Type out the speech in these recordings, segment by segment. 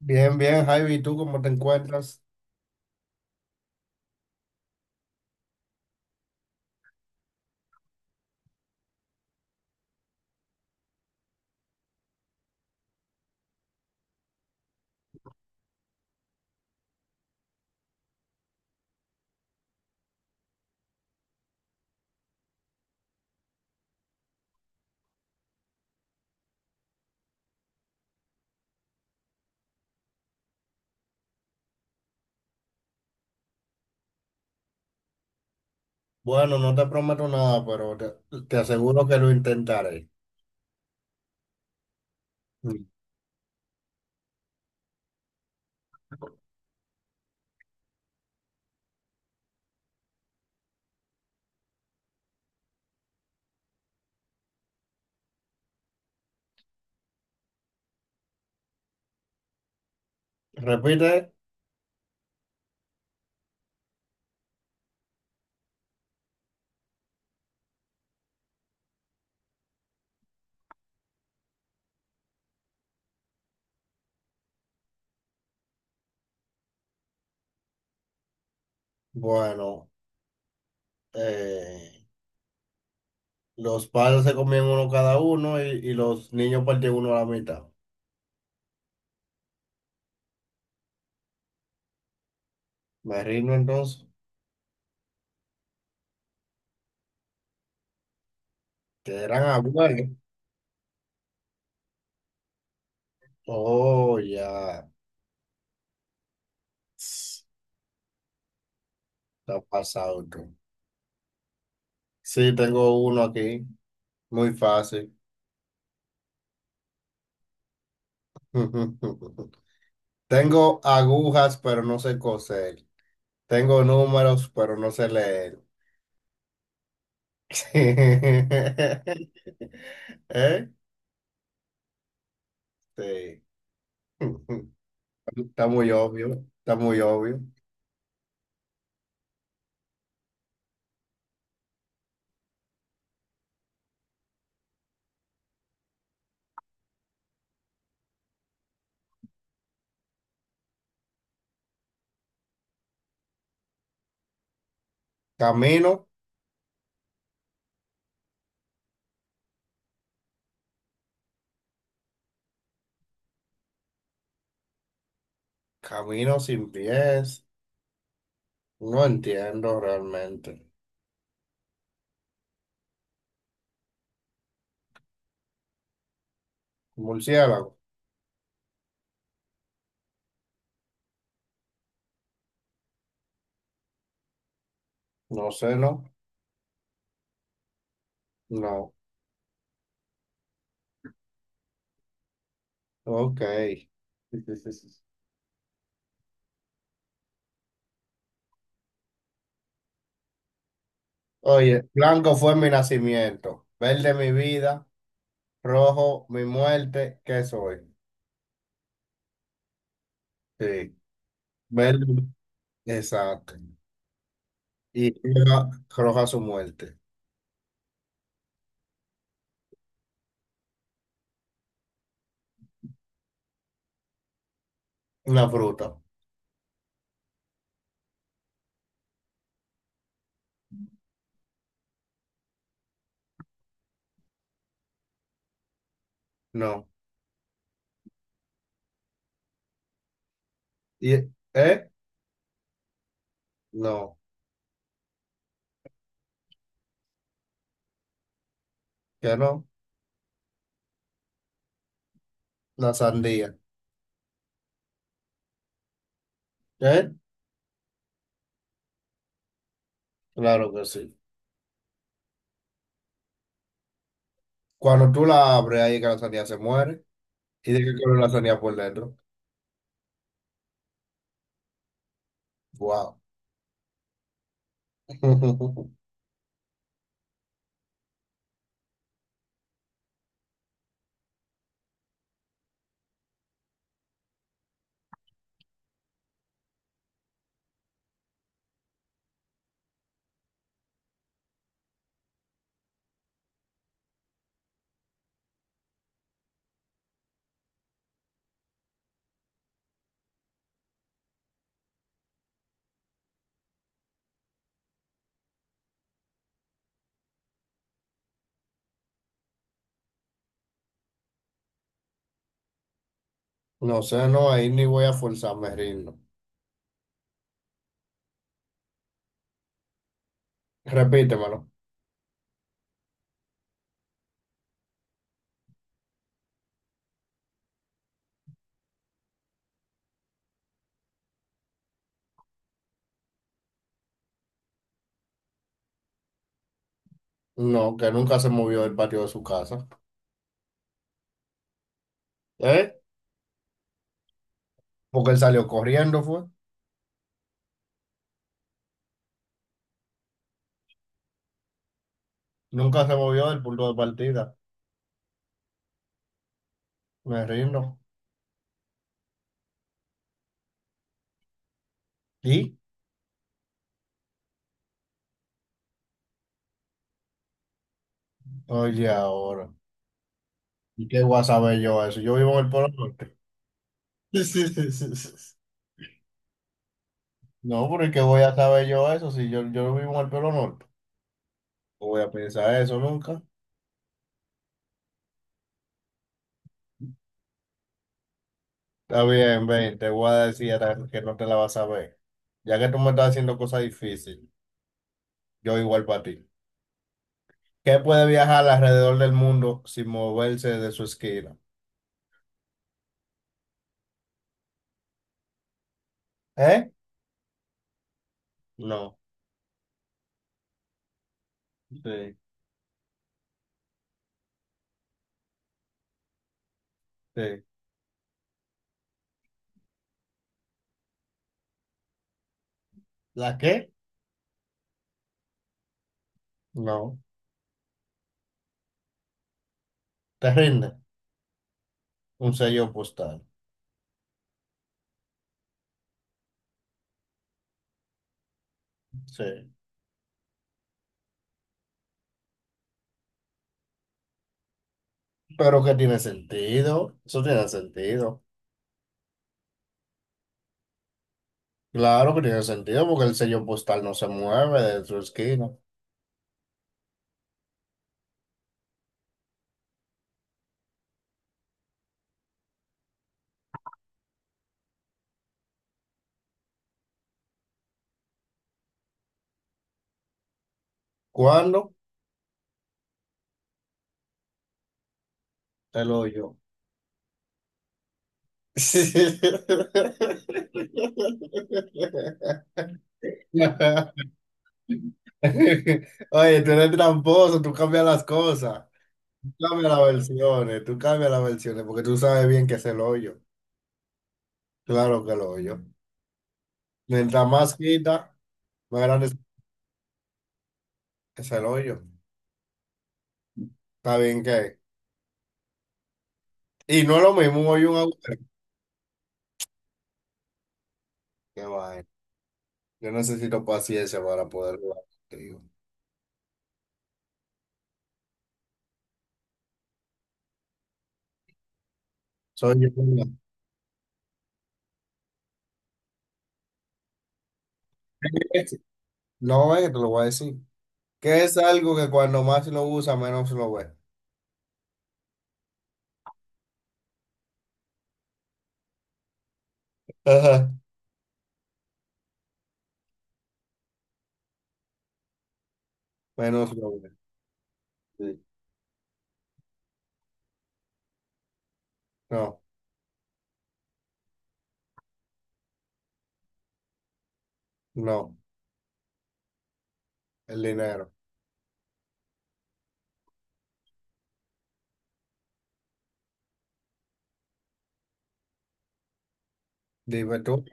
Bien, bien, Javi, ¿y tú cómo te encuentras? Bueno, no te prometo nada, pero te aseguro que lo intentaré. Mm. Repite, bueno, eh, los padres se comían uno cada uno y los niños partían uno a la mitad. Me rindo entonces, que eran abuelos. Oh, ya, Ss, está pasado tú. Sí, tengo uno aquí, muy fácil. Tengo agujas, pero no sé coser. Tengo números, pero no sé leer. ¿Eh? Sí. Está muy obvio, está muy obvio. Camino, camino sin pies. No entiendo realmente. Murciélago, no sé, no, no. Ok. Oye, blanco fue mi nacimiento, verde mi vida, rojo mi muerte, ¿qué soy? Sí, verde, exacto. Y roja, roja su muerte. Una fruta, no. Y, ¿eh? No, que no. La sandía. ¿Eh? Claro que sí. Cuando tú la abres, ahí es que la sandía se muere. ¿Y de qué color la sandía por dentro? Wow. No sé, no, ahí ni voy a forzarme rindo. Reírlo. Repítemelo. No, que nunca se movió del patio de su casa. ¿Eh? Porque él salió corriendo, fue. Nunca se movió del punto de partida. Me rindo. ¿Y? Oye, ahora. ¿Y qué voy a saber yo eso? Yo vivo en el Polo Norte. No, porque ¿qué voy a saber yo eso? Si yo vivo en el Polo Norte, no voy a pensar eso nunca. Está bien, ven, te voy a decir ahora que no te la vas a ver. Ya que tú me estás haciendo cosas difíciles, yo igual para ti. ¿Qué puede viajar alrededor del mundo sin moverse de su esquina? ¿Eh? No. Sí, sí. ¿La qué? No. ¿Te rinde? Un sello postal. Sí. Pero que tiene sentido. Eso tiene sentido. Claro que tiene sentido porque el sello postal no se mueve de su esquina. ¿Cuándo? Te lo doy yo. Sí. Oye, tú eres tramposo, tú cambias las cosas. Tú cambias las versiones, tú cambias las versiones, porque tú sabes bien que es el hoyo. Claro que el hoyo. Mientras más quita, más grande es el hoyo. Está bien que. Y no es lo mismo un hoyo y un agujero. Qué vaina. Yo necesito paciencia para poder jugar contigo. Soy yo. No, es que te lo voy a decir, que es algo que cuando más lo usa, menos lo ve. Ajá. Menos lo ve. Sí. No, no, el dinero. Dime tú,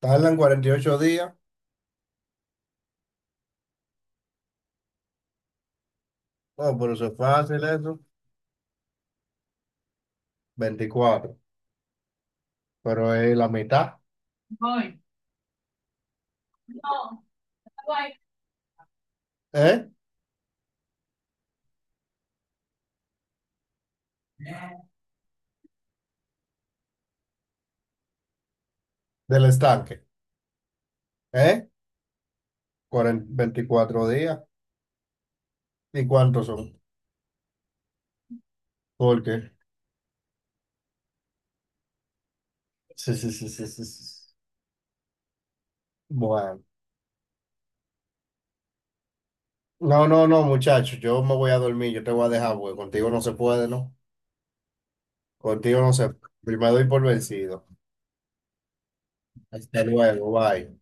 tardan 48 días. No, pero eso es fácil eso. Veinticuatro, pero es la mitad. Voy. No, voy. ¿Eh? Del estanque. ¿Eh? 40 veinticuatro días. ¿Y cuántos son? Porque, sí, sí, sí, sí, sí, sí, bueno. No, no, no, muchachos, yo me voy a dormir, yo te voy a dejar, porque contigo no se puede, ¿no? Contigo, José, me doy por vencido. Hasta luego, bye.